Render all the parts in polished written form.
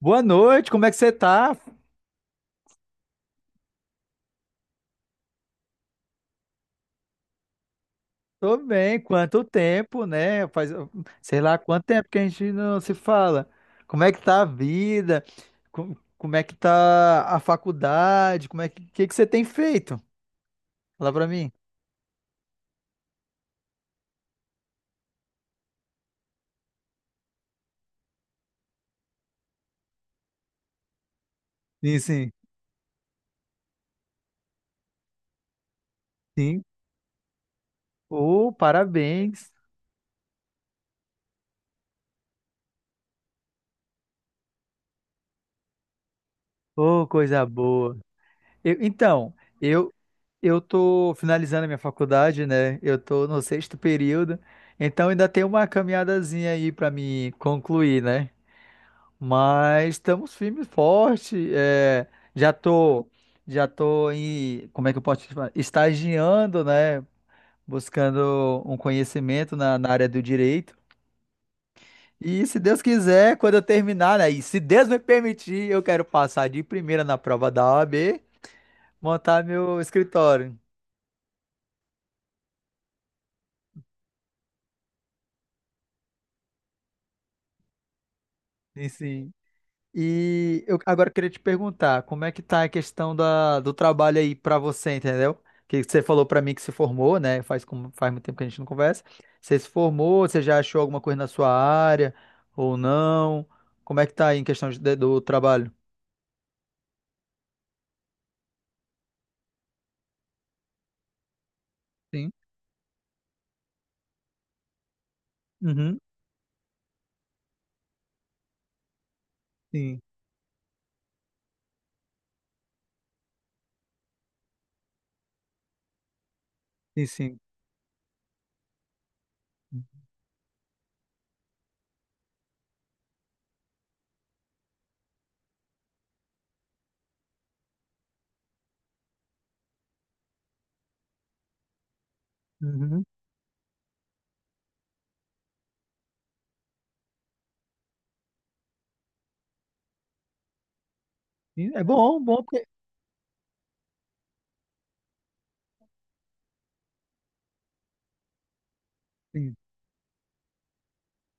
Boa noite, como é que você tá? Tô bem, quanto tempo, né? Faz, sei lá, quanto tempo que a gente não se fala. Como é que tá a vida? É que tá a faculdade? Como é que, que você tem feito? Fala pra mim. Sim, sim. Sim. Ô, parabéns. Ô, coisa boa. Então, eu eu tô finalizando a minha faculdade, né? Eu tô no sexto período, então ainda tem uma caminhadazinha aí pra me concluir, né? Mas estamos firme e forte. Já tô, já tô em, como é que eu posso chamar? Estagiando, né? Buscando um conhecimento na área do direito. E se Deus quiser, quando eu terminar, né? E se Deus me permitir, eu quero passar de primeira na prova da OAB, montar meu escritório. Sim, sim. E eu agora queria te perguntar, como é que tá a questão do trabalho aí pra você, entendeu? Que você falou pra mim que se formou, né? Faz, faz muito tempo que a gente não conversa. Você se formou, você já achou alguma coisa na sua área ou não? Como é que tá aí em do trabalho? Sim. Uhum. Sim, sim, sim. Uhum. Sim, é bom, bom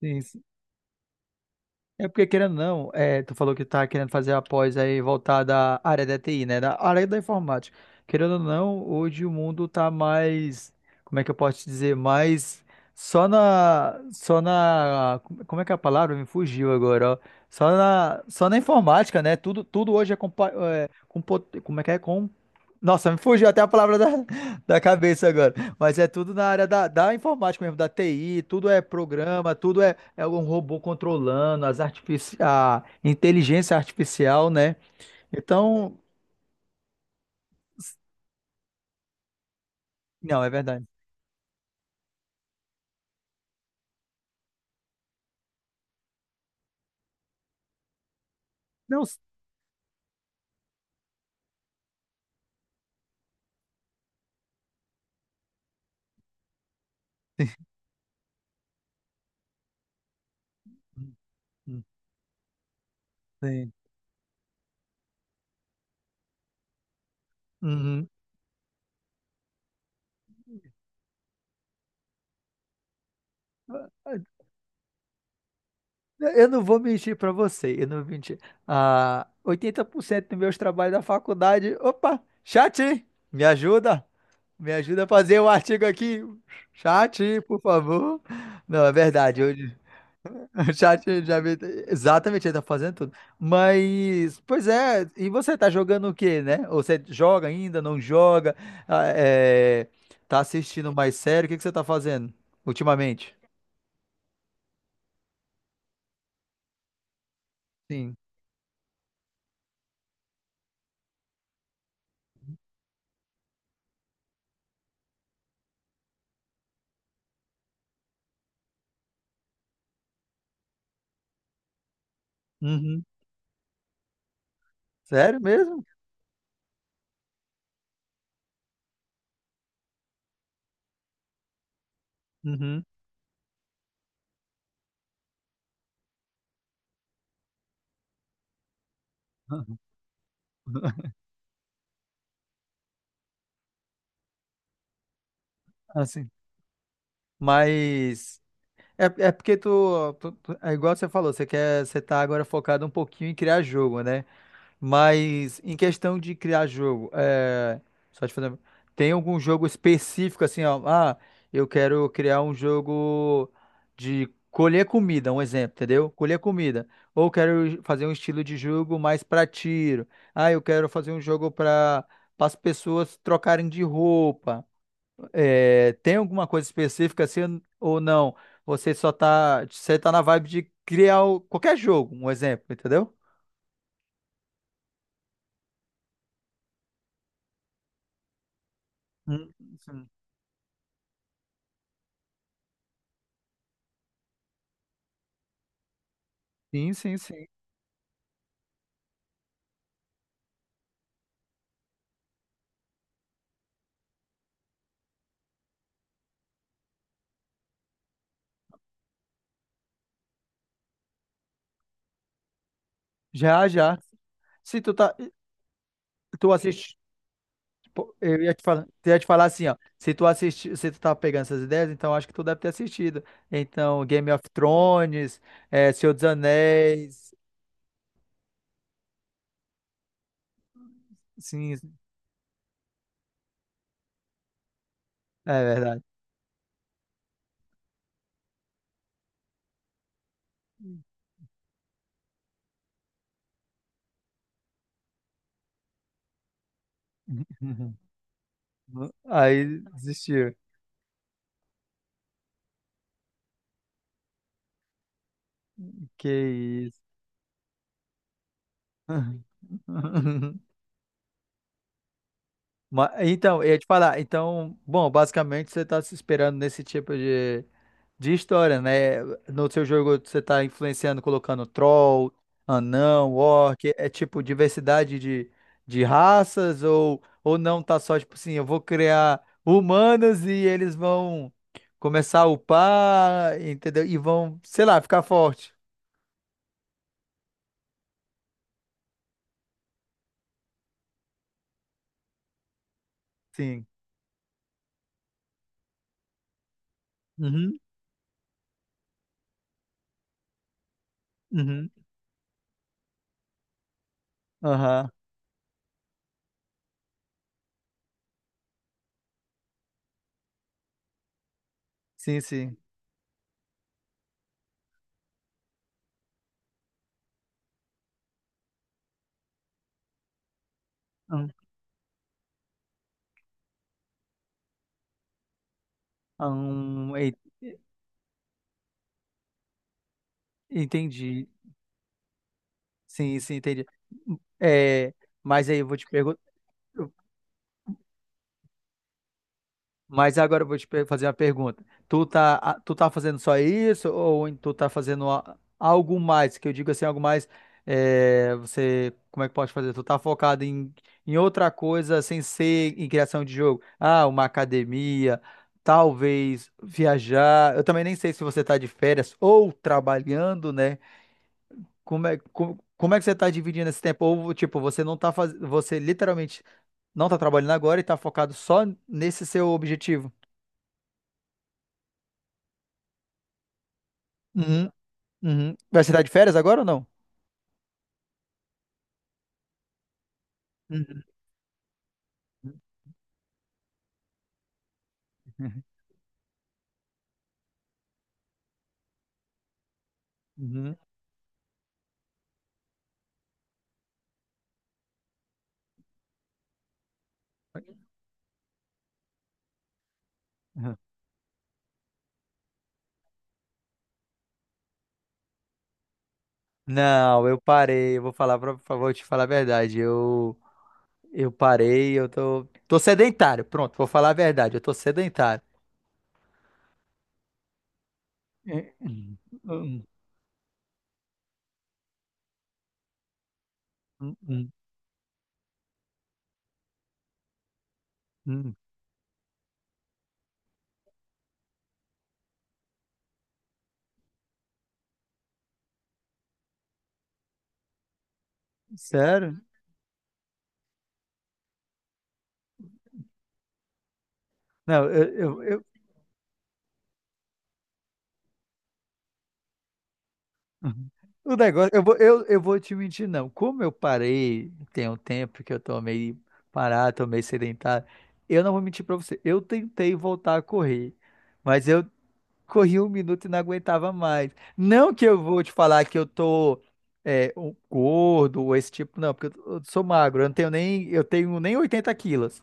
Sim, sim, é porque, querendo ou não, é, tu falou que tá querendo fazer a pós aí voltada à área da TI, né? Da área da informática. Querendo ou não, hoje o mundo tá mais, como é que eu posso te dizer, mais só na, como é que é a palavra? Me fugiu agora, ó. Só na informática, né? Tudo hoje é, como é que é? Nossa, me fugiu até a palavra da cabeça agora. Mas é tudo na área da informática mesmo, da TI, tudo é programa, tudo é, é um robô controlando, as artifici a inteligência artificial, né? Então, não, é verdade. Não, s- Hum, hum, sim. Uhum. Eu não vou mentir pra você, eu não vou mentir. Ah, 80% dos meus trabalhos da faculdade. Opa, chat, me ajuda. Me ajuda a fazer o artigo aqui. Chat, por favor. Não, é verdade. Eu, o chat já me... Exatamente, ele tá fazendo tudo. Mas, pois é, e você tá jogando o quê, né? Ou você joga ainda, não joga? Ah, é, Tá assistindo mais sério? O que você tá fazendo ultimamente? Sim. Uhum. Sério mesmo? Uhum. Assim. Mas é, é porque tu, tu- tu- é igual você falou, você quer, você tá agora focado um pouquinho em criar jogo, né? Mas em questão de criar jogo, só te fazer, tem algum jogo específico assim, ó, ah, eu quero criar um jogo de colher comida, um exemplo, entendeu? Colher comida. Ou quero fazer um estilo de jogo mais pra tiro. Ah, eu quero fazer um jogo para as pessoas trocarem de roupa. É, tem alguma coisa específica assim ou não? Você tá na vibe de criar qualquer jogo, um exemplo, entendeu? Hum, sim. Sim, sim, sim. Já, já. Se tu tá, tu assiste, pô, eu ia te falar assim, ó. Se tu tá pegando essas ideias, então acho que tu deve ter assistido. Então, Game of Thrones, é, Senhor dos Anéis, sim, é verdade. Aí desistiu. Que isso. Então, eu ia te falar, então, bom, basicamente você está se esperando nesse tipo de história, né? No seu jogo você está influenciando, colocando troll, anão, orc, é tipo diversidade de raças, ou não tá só, tipo assim, eu vou criar humanos e eles vão começar a upar, entendeu? E vão, sei lá, ficar forte. Sim. Uhum, uhum, aham, sim, sim. Hum, hum, en- entendi. Sim, sim, entendi. É, mas aí eu vou te perguntar. Mas agora eu vou fazer uma pergunta. Tu tá fazendo só isso ou tu tá fazendo algo mais? Que eu digo assim, algo mais. Você, como é que pode fazer? Tu tá focado em, em outra coisa sem ser em criação de jogo? Ah, uma academia, talvez viajar. Eu também nem sei se você tá de férias ou trabalhando, né? Como é que você tá dividindo esse tempo? Ou, tipo, você não tá fazendo. Você literalmente não tá trabalhando agora e tá focado só nesse seu objetivo. Uhum, uhum. Vai se dar de férias agora ou não? Uhum, uhum, uhum. Não, eu parei. Eu vou falar pra, pra- vou te falar a verdade. Eu parei, tô sedentário. Pronto, vou falar a verdade. Eu tô sedentário. É, hum, hum, hum, hum. Sério? Não, eu, Uhum. O negócio, eu vou te mentir, não. Como eu parei, tem um tempo que eu tô meio parado, tô meio sedentário, eu não vou mentir pra você. Eu tentei voltar a correr, mas eu corri um minuto e não aguentava mais. Não que eu vou te falar que eu tô um gordo ou esse tipo, não, porque eu sou magro, eu tenho nem 80 quilos.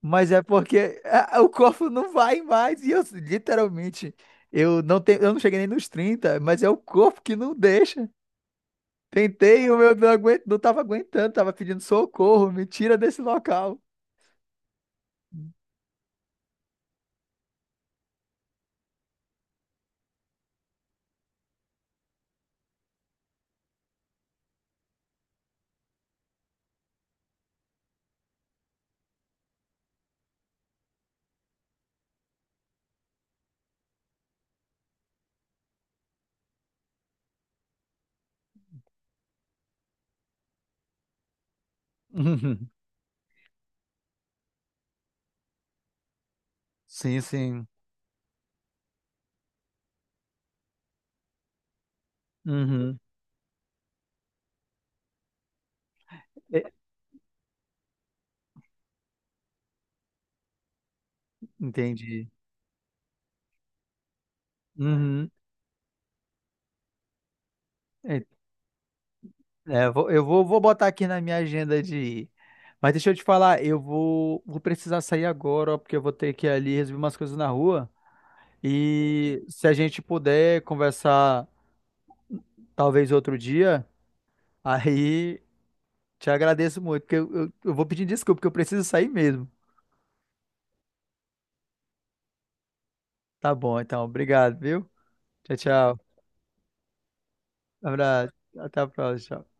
Mas é porque ah, o corpo não vai mais e eu literalmente, eu não cheguei nem nos 30 mas é o corpo que não deixa. Tentei, o meu não aguento, não tava aguentando, tava pedindo socorro, me tira desse local. Uhum. Sim, sim. Uhum. É, entendi. Uhum. É, é, eu vou, vou botar aqui na minha agenda de ir. Mas deixa eu te falar, eu vou, vou precisar sair agora, ó, porque eu vou ter que ir ali resolver umas coisas na rua. E se a gente puder conversar talvez outro dia, aí te agradeço muito, porque eu vou pedir desculpa, porque eu preciso sair mesmo. Tá bom, então, obrigado, viu? Tchau, tchau. Abraço. Até a próxima. Tchau.